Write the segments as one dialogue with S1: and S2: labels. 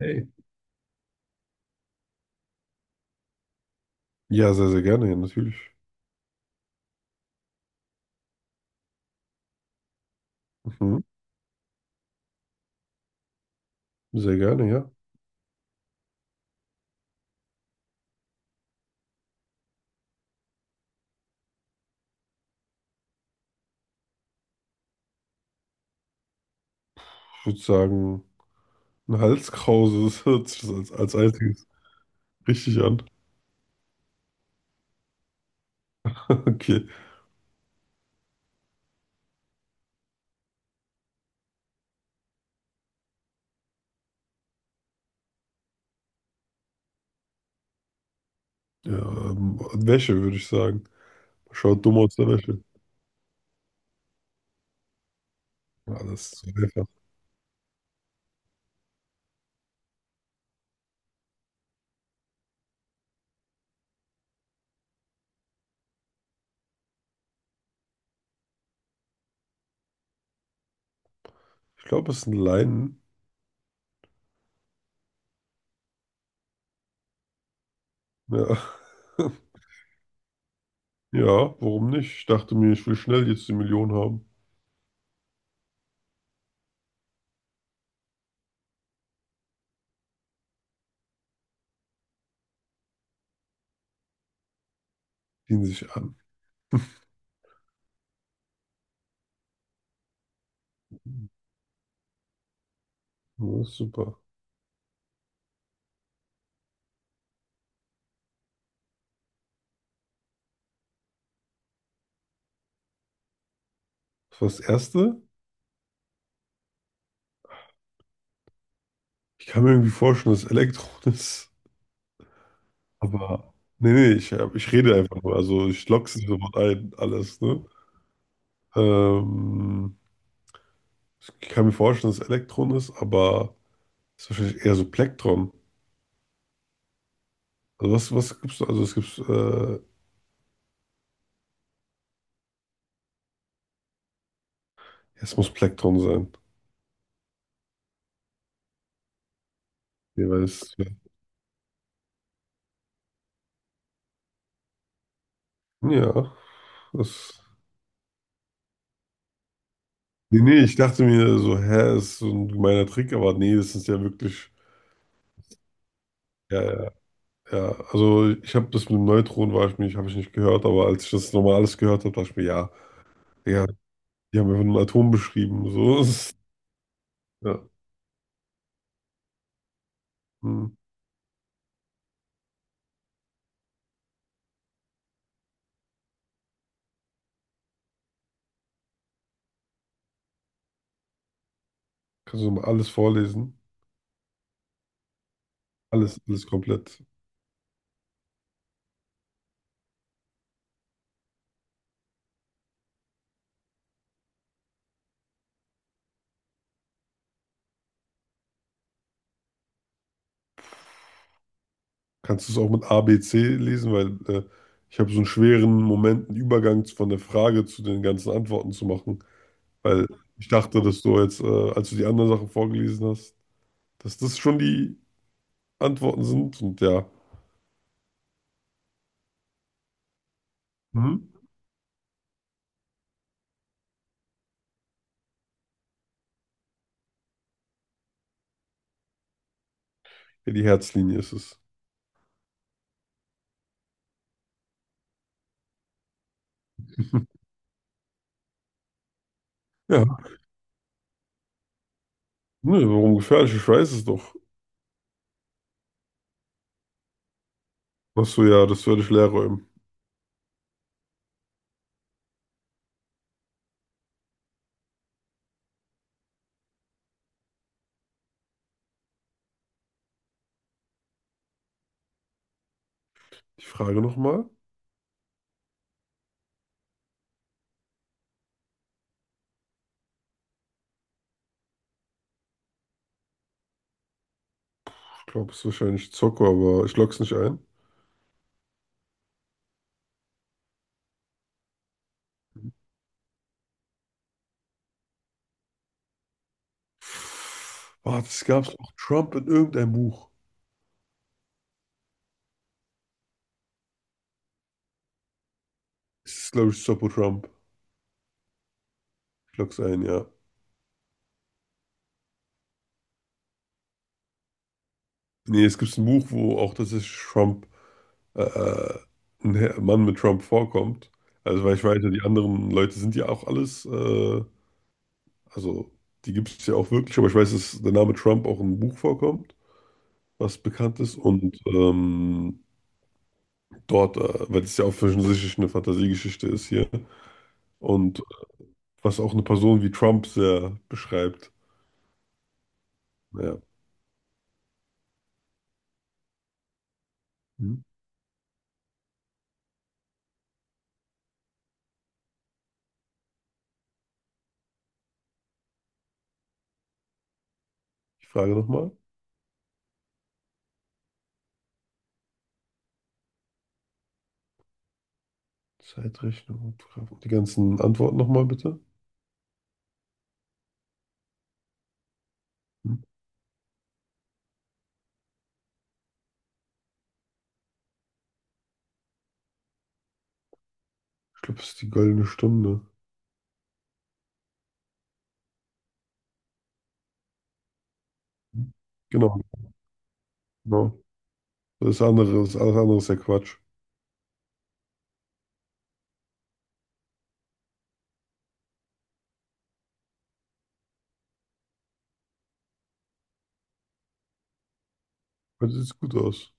S1: Hey. Ja, sehr, sehr gerne, ja, natürlich. Mhm. Sehr gerne, ja. Ich würde sagen, ein Halskrause, das hört sich das als einziges richtig an. Okay. Ja, ähm, Wäsche, würde ich sagen. Schaut dumm aus der Wäsche. Ja, das ist so einfach. Ich glaube, es sind Leinen. Ja. Ja, warum nicht? Ich dachte mir, ich will schnell jetzt die Million haben. Ziehen sich an. Ja, ist super. Das war das Erste. Ich kann mir irgendwie vorstellen, dass Elektron ist. Aber nee, nee, ich rede einfach nur. Also ich lock's nicht sofort ein, alles, ne? Ähm, Ich kann mir vorstellen, dass es Elektron ist, aber es ist wahrscheinlich eher so Plektron. Also was gibt's da? Also es gibt, ja, es muss Plektron sein. Jeweils. Ja, ja, das. Nee, nee, ich dachte mir so, hä, ist so ein gemeiner Trick, aber nee, das ist ja wirklich. Ja, ja, ja. Also ich habe das mit dem Neutron, war ich mich, habe ich nicht gehört, aber als ich das nochmal alles gehört habe, dachte ich mir, ja, ja, die haben einfach nur ein Atom beschrieben. So. Ja. Hm. Kannst du mal alles vorlesen? Alles, alles komplett. Kannst du es auch mit A, B, C lesen? Weil äh, ich habe so einen schweren Moment, einen Übergang von der Frage zu den ganzen Antworten zu machen. Weil ich dachte, dass du jetzt, als du die anderen Sachen vorgelesen hast, dass das schon die Antworten sind. Und ja, mhm. Ja, die Herzlinie ist es. Ja, ne, warum gefährlich? Ich weiß es doch. Achso, ja, das werde ich leer räumen. Ich frage nochmal. Ich glaube, es ist wahrscheinlich Zocco, aber ich log's nicht ein. Boah, das gab es auch Trump in irgendeinem Buch. Es ist, glaube ich, Sopo Trump. Ich log's ein, ja. Nee, es gibt ein Buch, wo auch das ist Trump, äh, äh, ein Herr- Mann mit Trump vorkommt. Also, weil ich weiß ja, die anderen Leute sind ja auch alles, also die gibt es ja auch wirklich, aber ich weiß, dass der Name Trump auch im Buch vorkommt, was bekannt ist. Und dort, weil es ja auch offensichtlich eine Fantasiegeschichte ist hier. Und was auch eine Person wie Trump sehr beschreibt. Ja. Ich frage nochmal. Zeitrechnung und Grafik. Die ganzen Antworten nochmal bitte. Hm? Ich glaube, es ist die goldene Stunde. Genau, genau. Das andere, das alles andere ist ja Quatsch. Heute sieht es gut aus.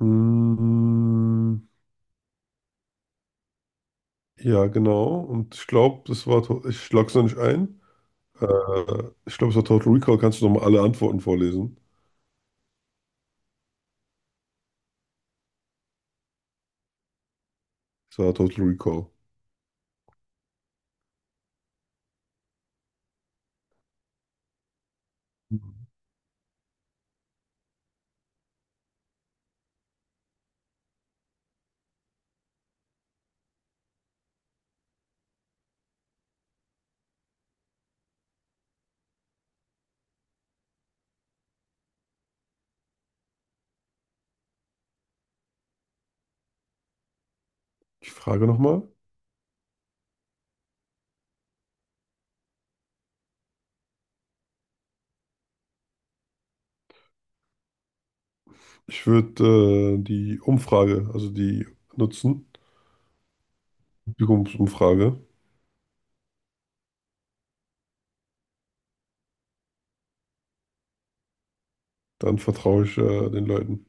S1: Hm, ja, genau. Und ich glaube, das war, ich log's noch nicht ein. Ich glaube, es war Total Recall. Kannst du nochmal alle Antworten vorlesen? Es war Total Recall. Ich frage nochmal. Ich würde die Umfrage, also die nutzen, Publikumsumfrage. Dann vertraue ich den Leuten.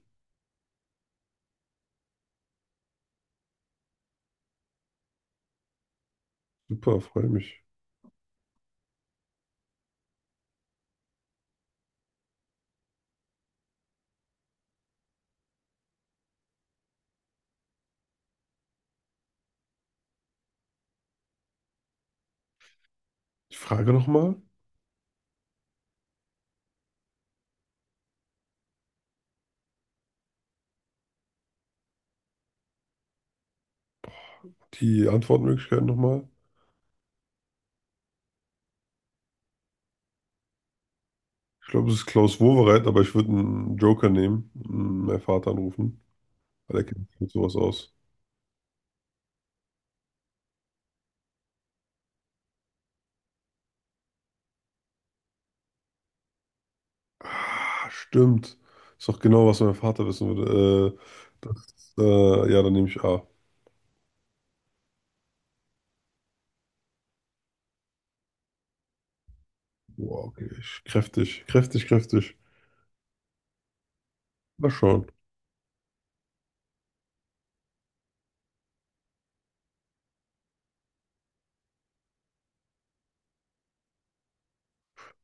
S1: Super, freue mich. Die Frage nochmal, die Antwortmöglichkeiten nochmal. Ich glaube, es ist Klaus Wowereit, aber ich würde einen Joker nehmen und meinen Vater anrufen, weil er kennt sich mit sowas aus. Ah, stimmt. Ist doch genau, was mein Vater wissen würde. Ja, dann nehme ich A. Wow, okay. Ich, kräftig, kräftig, kräftig. Mal schauen.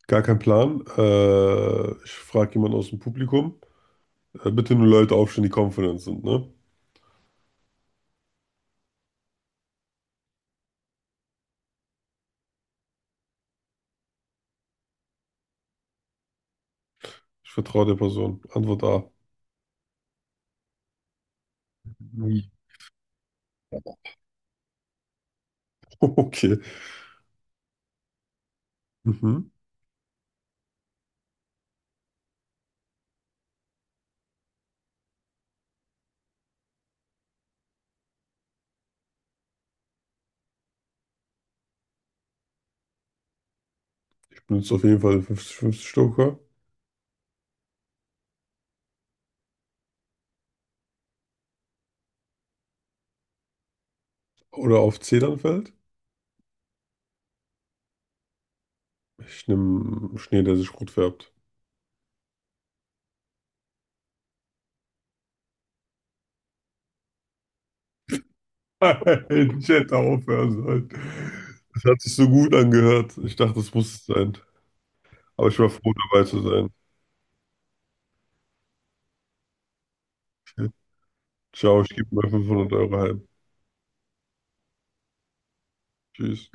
S1: Gar kein Plan. Ich frage jemanden aus dem Publikum. Bitte nur Leute aufstellen, die confident sind, ne? Ich vertraue der Person. Antwort A. Mhm. Okay. Mhm. Benutzt auf jeden Fall 50-50 stoker. Oder auf Zedernfeld. Ich nehme Schnee, der sich rot färbt. Ich hätte aufhören sollen. Das hat sich so gut angehört. Ich dachte, das muss es sein. Aber ich war froh, dabei zu sein. Ciao, ich gebe mal 500 € heim. Tschüss.